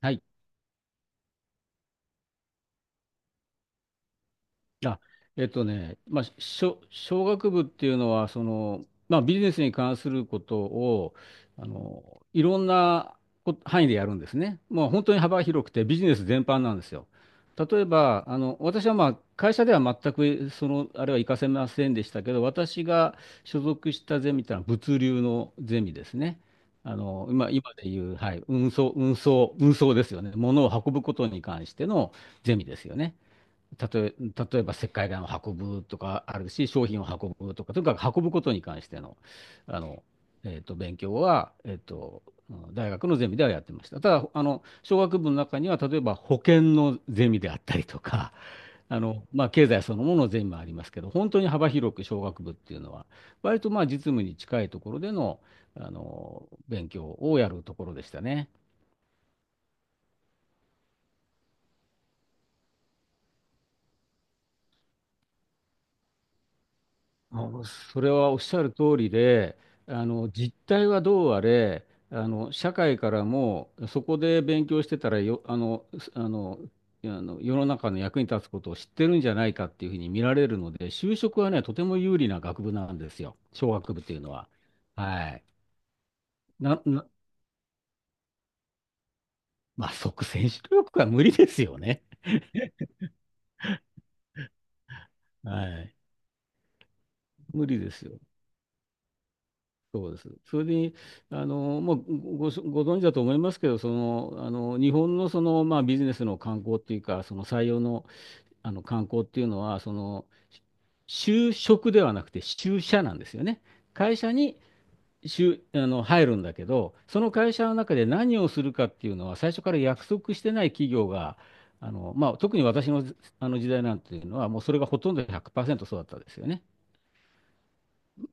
はい。あ、商学部っていうのは、ビジネスに関することを、いろんなこ範囲でやるんですね。もう本当に幅広くて、ビジネス全般なんですよ。例えば、私はまあ、会社では全く、あれは活かせませんでしたけど、私が所属したゼミってのは物流のゼミですね。今でいう、はい、運送ですよね。物を運ぶことに関してのゼミですよね。例え、例えば石灰岩を運ぶとかあるし、商品を運ぶとか、とにかく運ぶことに関しての、あの、勉強は、大学のゼミではやってました。ただ、商学部の中には、例えば保険のゼミであったりとか、経済そのもののゼミもありますけど、本当に幅広く商学部っていうのは、割とまあ、実務に近いところでの、勉強をやるところでしたね。それはおっしゃる通りで、実態はどうあれ、社会からもそこで勉強してたらよ、あの、すあの、あの世の中の役に立つことを知ってるんじゃないかっていうふうに見られるので、就職はね、とても有利な学部なんですよ、商学部っていうのは。はい。な、な、まあ、即戦力は無理ですよね。はい。無理ですよ。そうです。それに、あの、もうご、ごご存知だと思いますけど、日本のその、まあ、ビジネスの観光っていうか、その採用の、観光っていうのは、就職ではなくて就社なんですよね。会社に就、あの、入るんだけど、その会社の中で何をするかっていうのは、最初から約束してない企業が、まあ、特に私の、あの時代なんていうのは、もうそれがほとんど100%そうだったですよね。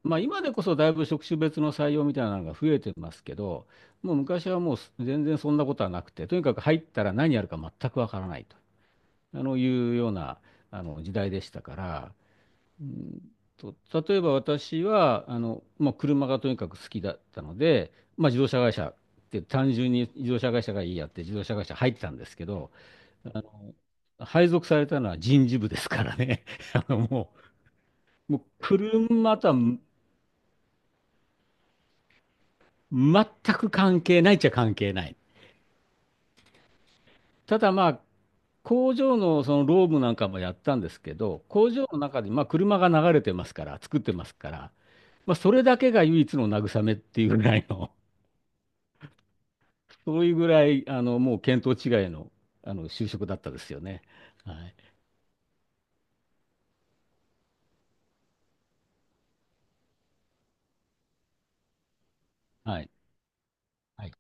まあ、今でこそだいぶ職種別の採用みたいなのが増えてますけど、もう昔はもうす全然そんなことはなくて、とにかく入ったら何やるか全くわからないとあのいうようなあの時代でしたから、うんと、例えば私はあの、まあ、車がとにかく好きだったので、まあ、自動車会社って単純に自動車会社がいいやって自動車会社入ってたんですけど、あの配属されたのは人事部ですからね。あのもう、もう車とは全く関係ないっちゃ関係ない。ただまあ、工場のその労務なんかもやったんですけど、工場の中にまあ車が流れてますから、作ってますから、まあ、それだけが唯一の慰めっていうぐらいの、そういうぐらい、もう見当違いの、就職だったですよね。はい。はい。はい、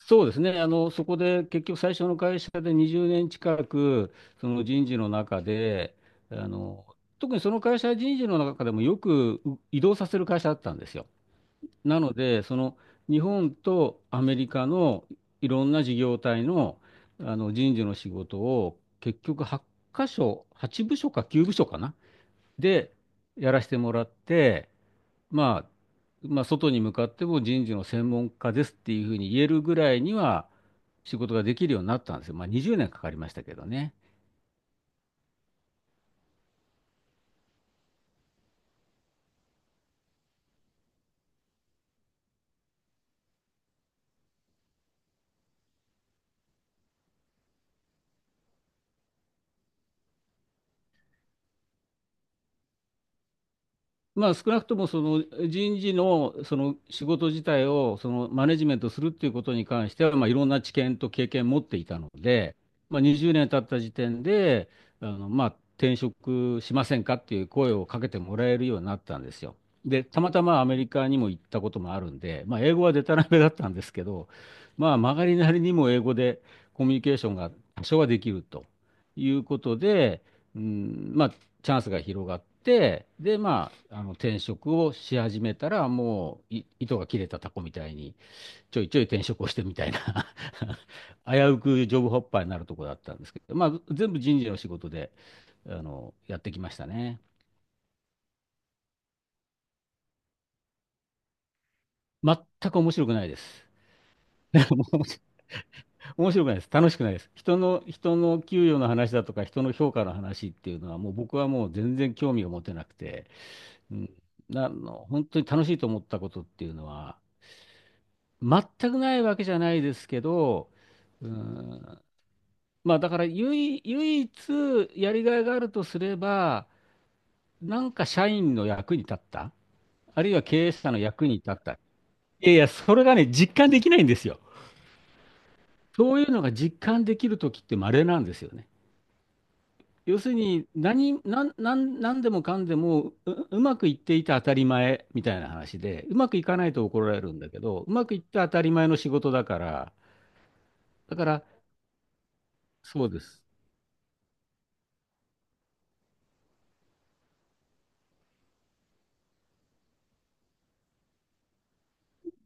そうですね。そこで結局最初の会社で20年近くその人事の中で、あの、特にその会社は人事の中でもよくう移動させる会社だったんですよ。なので、その日本とアメリカのいろんな事業体の、人事の仕事を結局8箇所、8部署か9部署かな、でやらせてもらって、ま外に向かっても人事の専門家ですっていうふうに言えるぐらいには仕事ができるようになったんですよ。まあ、20年かかりましたけどね。まあ、少なくともその人事の、その仕事自体をそのマネジメントするっていうことに関しては、まあ、いろんな知見と経験を持っていたので、まあ、20年経った時点でまあ、転職しませんかっていう声をかけてもらえるようになったんですよ。で、たまたまアメリカにも行ったこともあるんで、まあ、英語はデタらめだったんですけど、まあ、曲がりなりにも英語でコミュニケーションが多少はできるということで、うん、まあ、チャンスが広がって、で、転職をし始めたら、もう、い糸が切れたタコみたいに、ちょいちょい転職をしてみたいな 危うくジョブホッパーになるとこだったんですけど、まあ、全部人事の仕事で、やってきましたね。全く面白くないです。面白くないです。楽しくないです。人の給与の話だとか、人の評価の話っていうのは、もう僕はもう全然興味を持てなくて、うん、なあの、本当に楽しいと思ったことっていうのは、全くないわけじゃないですけど、うん、まあだから唯一やりがいがあるとすれば、なんか社員の役に立った、あるいは経営者の役に立った。いやいや、それがね、実感できないんですよ。そういうのが実感できるときって稀なんですよね。要するに何でもかんでもう、うまくいっていて当たり前みたいな話で、うまくいかないと怒られるんだけど、うまくいって当たり前の仕事だから、だから、そうです。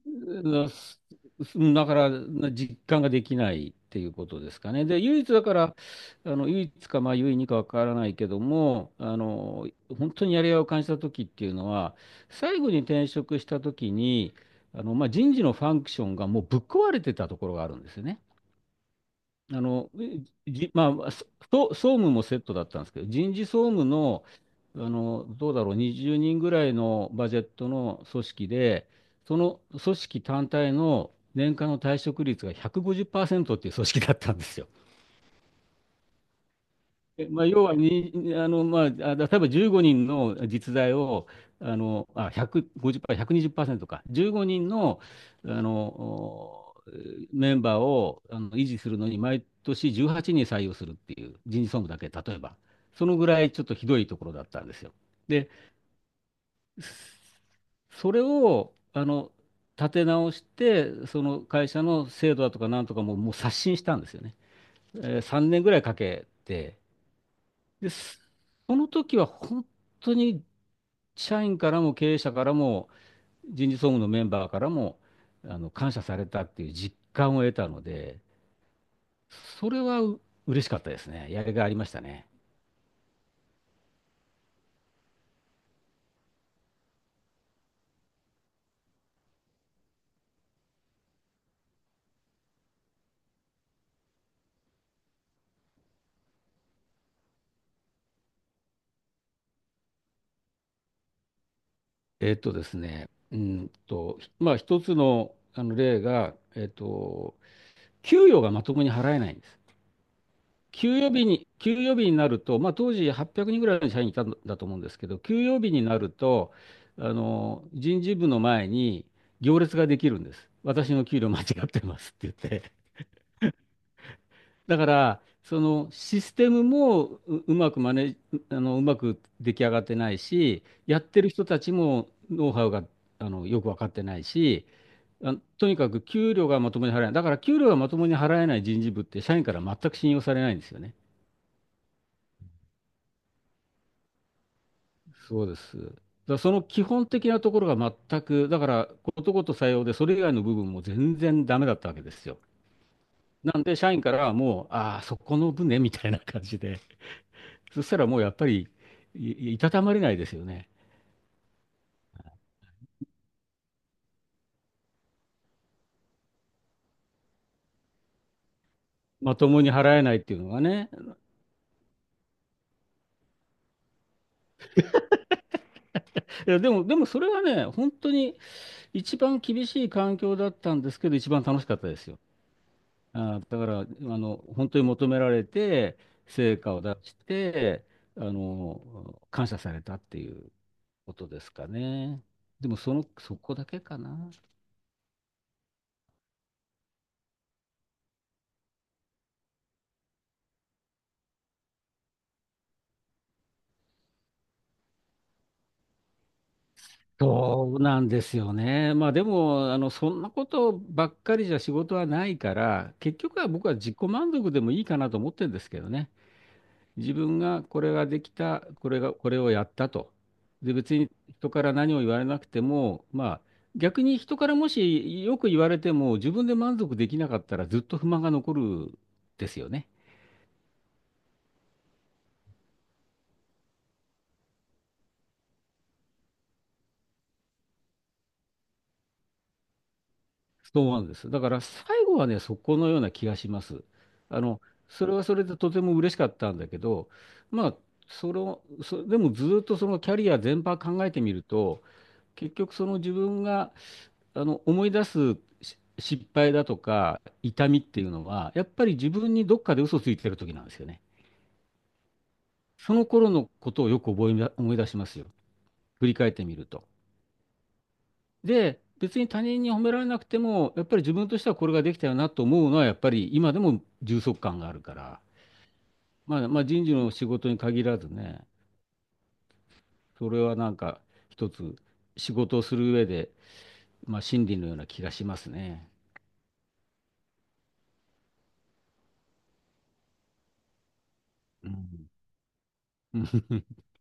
うだから、実感ができないっていうことですかね。で、唯一だから、唯一か、まあ、唯二かわからないけども、本当にやりがいを感じた時っていうのは、最後に転職した時に、まあ、人事のファンクションがもうぶっ壊れてたところがあるんですよね。あの、じ、まあ、そ総務もセットだったんですけど、人事総務の、どうだろう、20人ぐらいのバジェットの組織で、その組織単体の年間の退職率が150%っパーセントっていう組織だったんですよ。えまあ、要はに、あの、まあ、あ例えば15人の実在を、150%、ひゃくにじゅっパーセ2 0か、15人の、あの、おメンバーを維持するのに、毎年18人採用するっていう人事総務だけ、例えば、そのぐらいちょっとひどいところだったんですよ。で、それを、立て直して、その会社の制度だとかなんとかも、もう刷新したんですよね。えー3年ぐらいかけて、で、すその時は本当に社員からも経営者からも人事総務のメンバーからも感謝されたっていう実感を得たので、それは嬉しかったですね。やりがいありましたね。えっとですね、うんと、まあ一つの、例が、給与がまともに払えないんです。休養日になると、まあ、当時800人ぐらいの社員いたんだと思うんですけど、休養日になると、人事部の前に行列ができるんです。私の給料間違ってますって言って。だから、そのシステムもう、うまくマネ、あの、うまく出来上がってないし、やってる人たちもノウハウが、よく分かってないし、あとにかく給料がまともに払えない。だから給料がまともに払えない人事部って社員から全く信用されないんですよね。そうです。だからその基本的なところが全く、だからことごとさようで、それ以外の部分も全然ダメだったわけですよ。なんで、社員からはもう、ああ、そこの分ね、みたいな感じで、そしたらもうやっぱり、いたたまれないですよね。まともに払えないっていうのがね。でもそれはね、本当に一番厳しい環境だったんですけど、一番楽しかったですよ。あー、だから、あの、本当に求められて、成果を出して、感謝されたっていう。ことですかね。でもその、そこだけかな。そうなんですよね。まあでも、あの、そんなことばっかりじゃ仕事はないから、結局は僕は自己満足でもいいかなと思ってるんですけどね。自分がこれができた、これをやったと。で、別に人から何を言われなくても、まあ逆に人からもしよく言われても自分で満足できなかったらずっと不満が残るですよね。そうなんです。だから最後はね、そこのような気がします。あの、それはそれでとても嬉しかったんだけど、まあ、でもずっとそのキャリア全般考えてみると、結局その自分が思い出す失敗だとか痛みっていうのは、やっぱり自分にどっかで嘘ついてる時なんですよね。その頃のことをよく覚えな、思い出しますよ。振り返ってみると。で、別に他人に褒められなくても、やっぱり自分としてはこれができたよなと思うのは、やっぱり今でも充足感があるから、まあ人事の仕事に限らずね、それはなんか一つ仕事をする上で、まあ真理のような気がしますね。うん。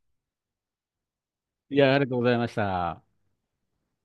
いや、ありがとうございました。